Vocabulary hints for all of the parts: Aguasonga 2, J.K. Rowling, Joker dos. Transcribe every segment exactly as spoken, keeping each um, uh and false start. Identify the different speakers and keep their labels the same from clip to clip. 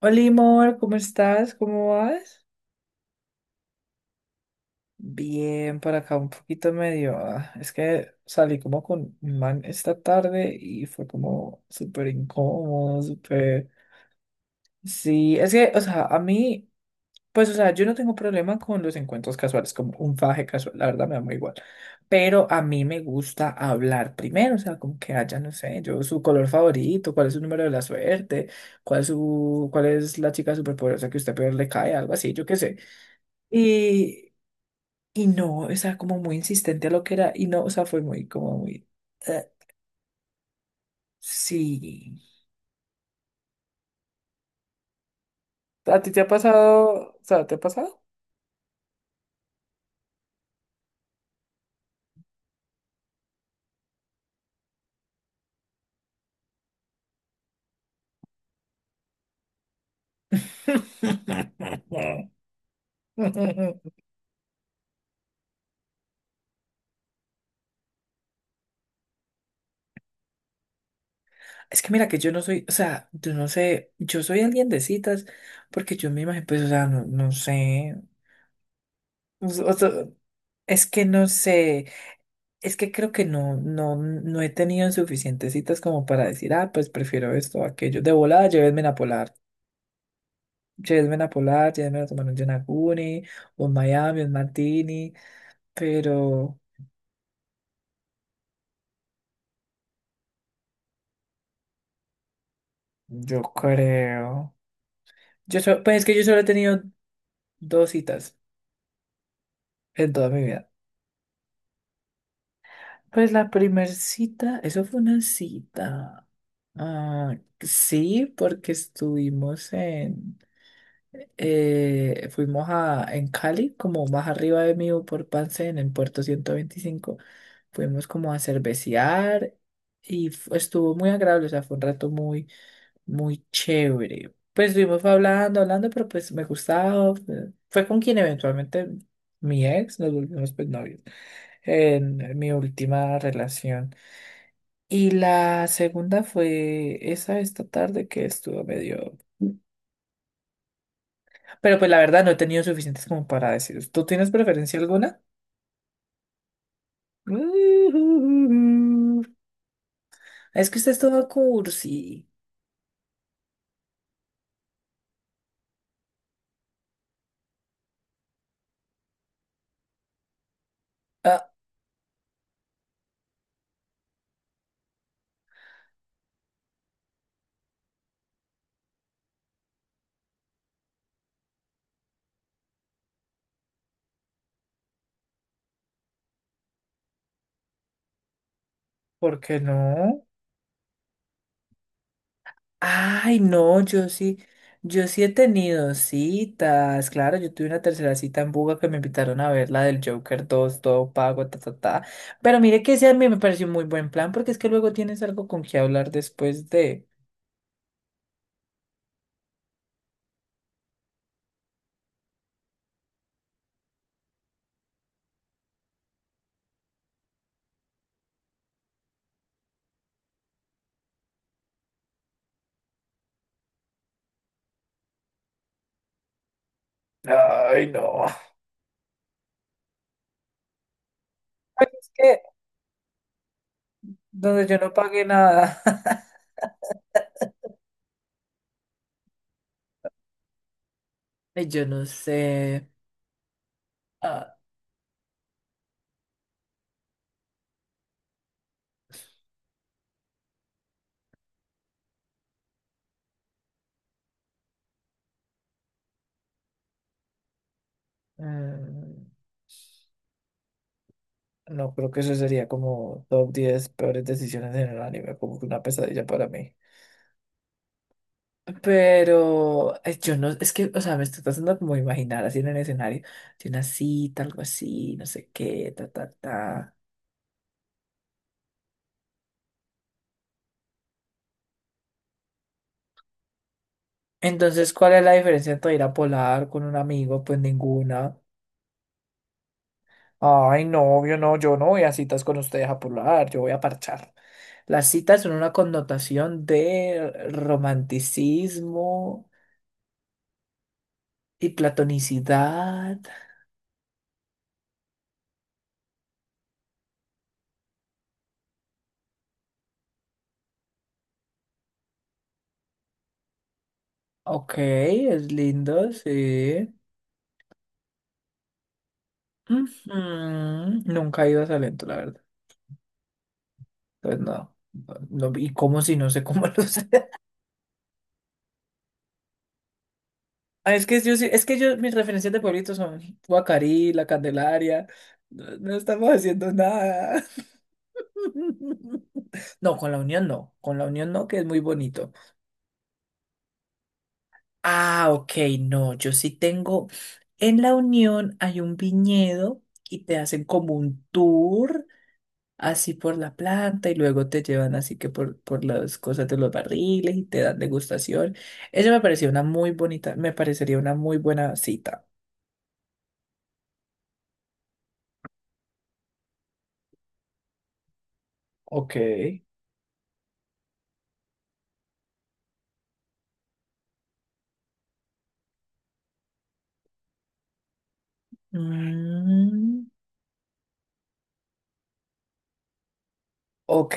Speaker 1: Hola, amor, ¿cómo estás? ¿Cómo vas? Bien, por acá un poquito medio. ah, Es que salí como con un man esta tarde y fue como súper incómodo, súper. Sí, es que, o sea, a mí, pues, o sea, yo no tengo problema con los encuentros casuales, como un faje casual, la verdad me da muy igual. Pero a mí me gusta hablar primero, o sea, como que haya, no sé, yo su color favorito, cuál es su número de la suerte, cuál es su, cuál es la chica superpoderosa que usted peor le cae, algo así, yo qué sé. Y, y no, o sea, como muy insistente a lo que era, y no, o sea, fue muy, como muy, eh, sí. ¿A ti te ha pasado? O sea, ¿te ha pasado? Es que mira que yo no soy, o sea, yo no sé, yo soy alguien de citas, porque yo me imagino, pues, o sea, no, no sé, o sea, o sea, es que no sé, es que creo que no, no, no he tenido suficientes citas como para decir, ah, pues prefiero esto o aquello, de volada, llévenme a Polar. Cioè, es una polar, ya me lo tomaron un Yonaguni, un Miami, un Martini, pero yo creo. Yo so- pues es que yo solo he tenido dos citas en toda mi vida. Pues la primer cita, eso fue una cita. Ah, sí, porque estuvimos en, eh, fuimos a, en Cali, como más arriba de mí, por Pansén, en Puerto ciento veinticinco. Fuimos como a cervecear y fu- estuvo muy agradable, o sea, fue un rato muy muy chévere. Pues estuvimos hablando, hablando, pero pues me gustaba. eh, Fue con quien eventualmente mi ex, nos volvimos pues novios en mi última relación. Y la segunda fue esa esta tarde que estuvo medio. Pero pues la verdad no he tenido suficientes como para decir. ¿Tú tienes preferencia alguna? Es que usted es todo cursi. Ah, ¿por qué no? Ay, no, yo sí, yo sí he tenido citas, claro, yo tuve una tercera cita en Buga que me invitaron a ver la del Joker dos, todo pago, ta, ta, ta, pero mire que ese a mí me pareció un muy buen plan, porque es que luego tienes algo con qué hablar después de. Ay, no. Pues es que donde yo no pagué nada. Ay, yo no sé. Ah, mm, no, creo que eso sería como top diez peores decisiones en el anime, como que una pesadilla para mí. Pero eh, yo no, es que, o sea, me estoy tratando como de imaginar así en el escenario de una cita, algo así, no sé qué, ta, ta, ta. Entonces, ¿cuál es la diferencia entre ir a polar con un amigo? Pues ninguna. Ay, no, obvio, no, yo no voy a citas con ustedes a polar, yo voy a parchar. Las citas son una connotación de romanticismo y platonicidad. Ok, es lindo, sí. Ujú, nunca he ido a Salento, la verdad. Pues no, no, ¿y cómo si no sé cómo lo sé? Ah, es que yo, sí- es que yo, mis referencias de pueblitos son Guacarí, La Candelaria, no, no estamos haciendo nada. No, con la Unión no, con la Unión no, que es muy bonito. Ah, ok, no, yo sí tengo, en la Unión hay un viñedo y te hacen como un tour así por la planta y luego te llevan así que por, por las cosas de los barriles y te dan degustación. Eso me pareció una muy bonita, me parecería una muy buena cita. Ok. Mm, ok,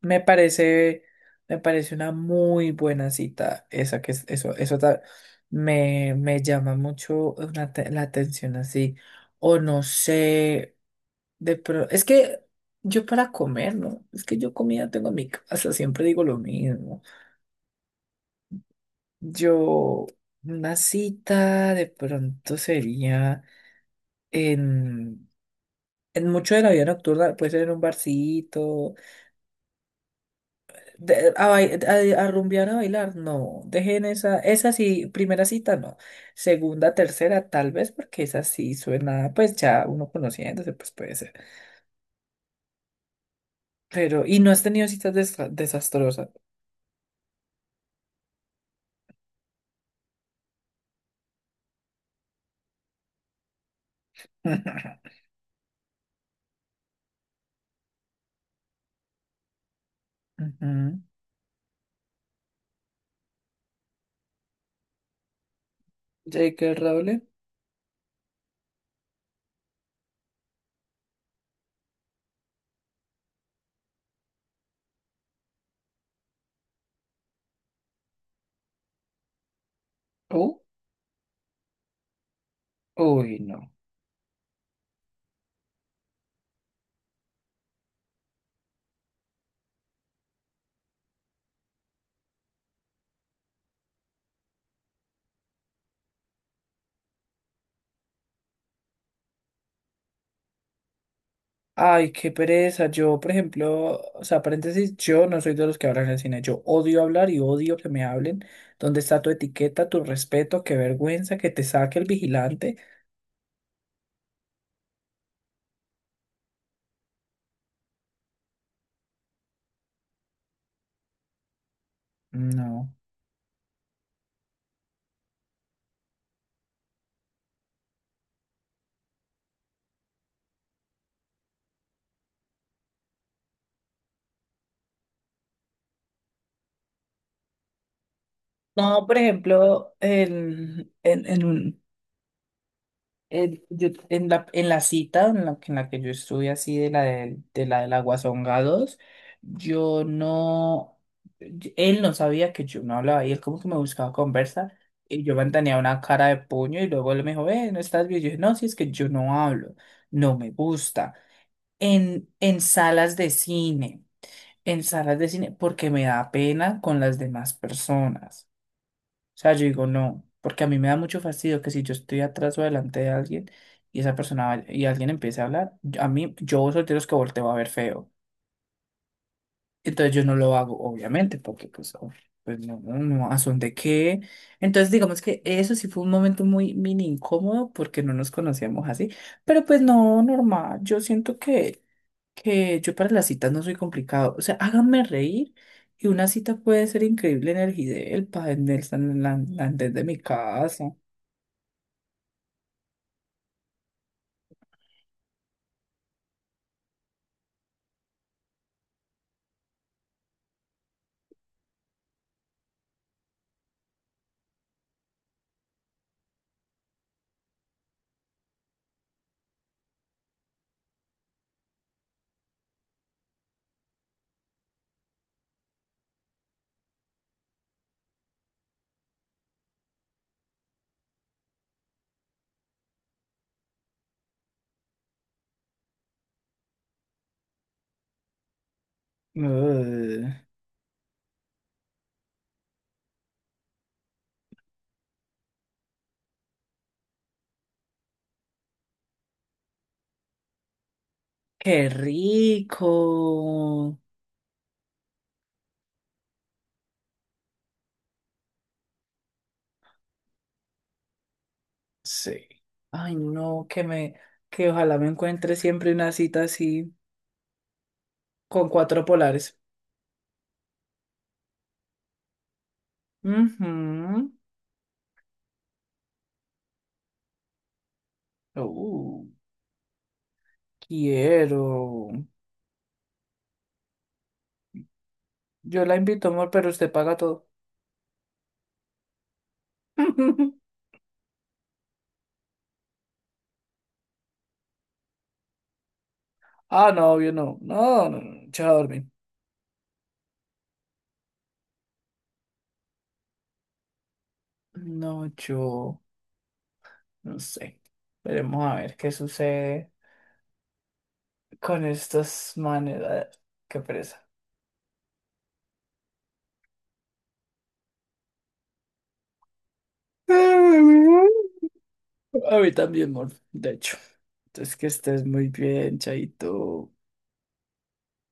Speaker 1: me parece, me parece una muy buena cita esa que es, eso, eso ta- me, me llama mucho una te- la atención así. O no sé, de pro- es que yo para comer, ¿no? Es que yo comida tengo en mi casa, siempre digo lo mismo. Yo, una cita de pronto sería en, en mucho de la vida nocturna, puede ser en un barcito, de- a, bai- a, a rumbear, a bailar, no, dejen esa, esa sí, primera cita no, segunda, tercera tal vez, porque esa sí suena, pues ya uno conociéndose, pues puede ser, pero, y no has tenido citas destra- desastrosas. Ujú. J K. Rowling, oh, uy, no. Ay, qué pereza. Yo, por ejemplo, o sea, paréntesis, yo no soy de los que hablan en el cine. Yo odio hablar y odio que me hablen. ¿Dónde está tu etiqueta, tu respeto? Qué vergüenza que te saque el vigilante. No. No, por ejemplo, en, en, en un- Eh, yo- en la, en la cita en la, que en la que yo estuve así de la del- de, la del Aguasonga dos, yo no, y- él no sabía que yo no hablaba y él como que me buscaba conversa y yo mantenía una cara de puño y luego él me dijo, eh, no estás bien. Yo dije, no, si es que yo no hablo, no me gusta. En, en salas de cine, en salas de cine, porque me da pena con las demás personas. O sea, yo digo, no, porque a mí me da mucho fastidio que si yo estoy atrás o delante de alguien y esa persona va- y alguien empiece a hablar, yo- a mí, yo soy de los que volteo a ver feo. Entonces yo no lo hago, obviamente, porque pues, uf, pues no, no, no, ¿a son de qué? Entonces digamos que eso sí fue un momento muy mini incómodo porque no nos conocíamos así, pero pues no, normal, yo siento que, que yo para las citas no soy complicado. O sea, háganme reír. Y una cita puede ser increíble en el Gidel, pa- en el San Andrés de mi casa. Ugh, qué rico. Sí. Ay, no, que me, que ojalá me encuentre siempre una cita así con cuatro polares. Ujú, uh, quiero. Yo la invito, amor, pero usted paga todo. Ah, no, yo no. No, no, no, yo a dormir. No, yo no sé. Veremos a ver qué sucede con estos manes. Ah, qué pereza. A mí también, amor, de hecho. Entonces, que estés muy bien, chaito.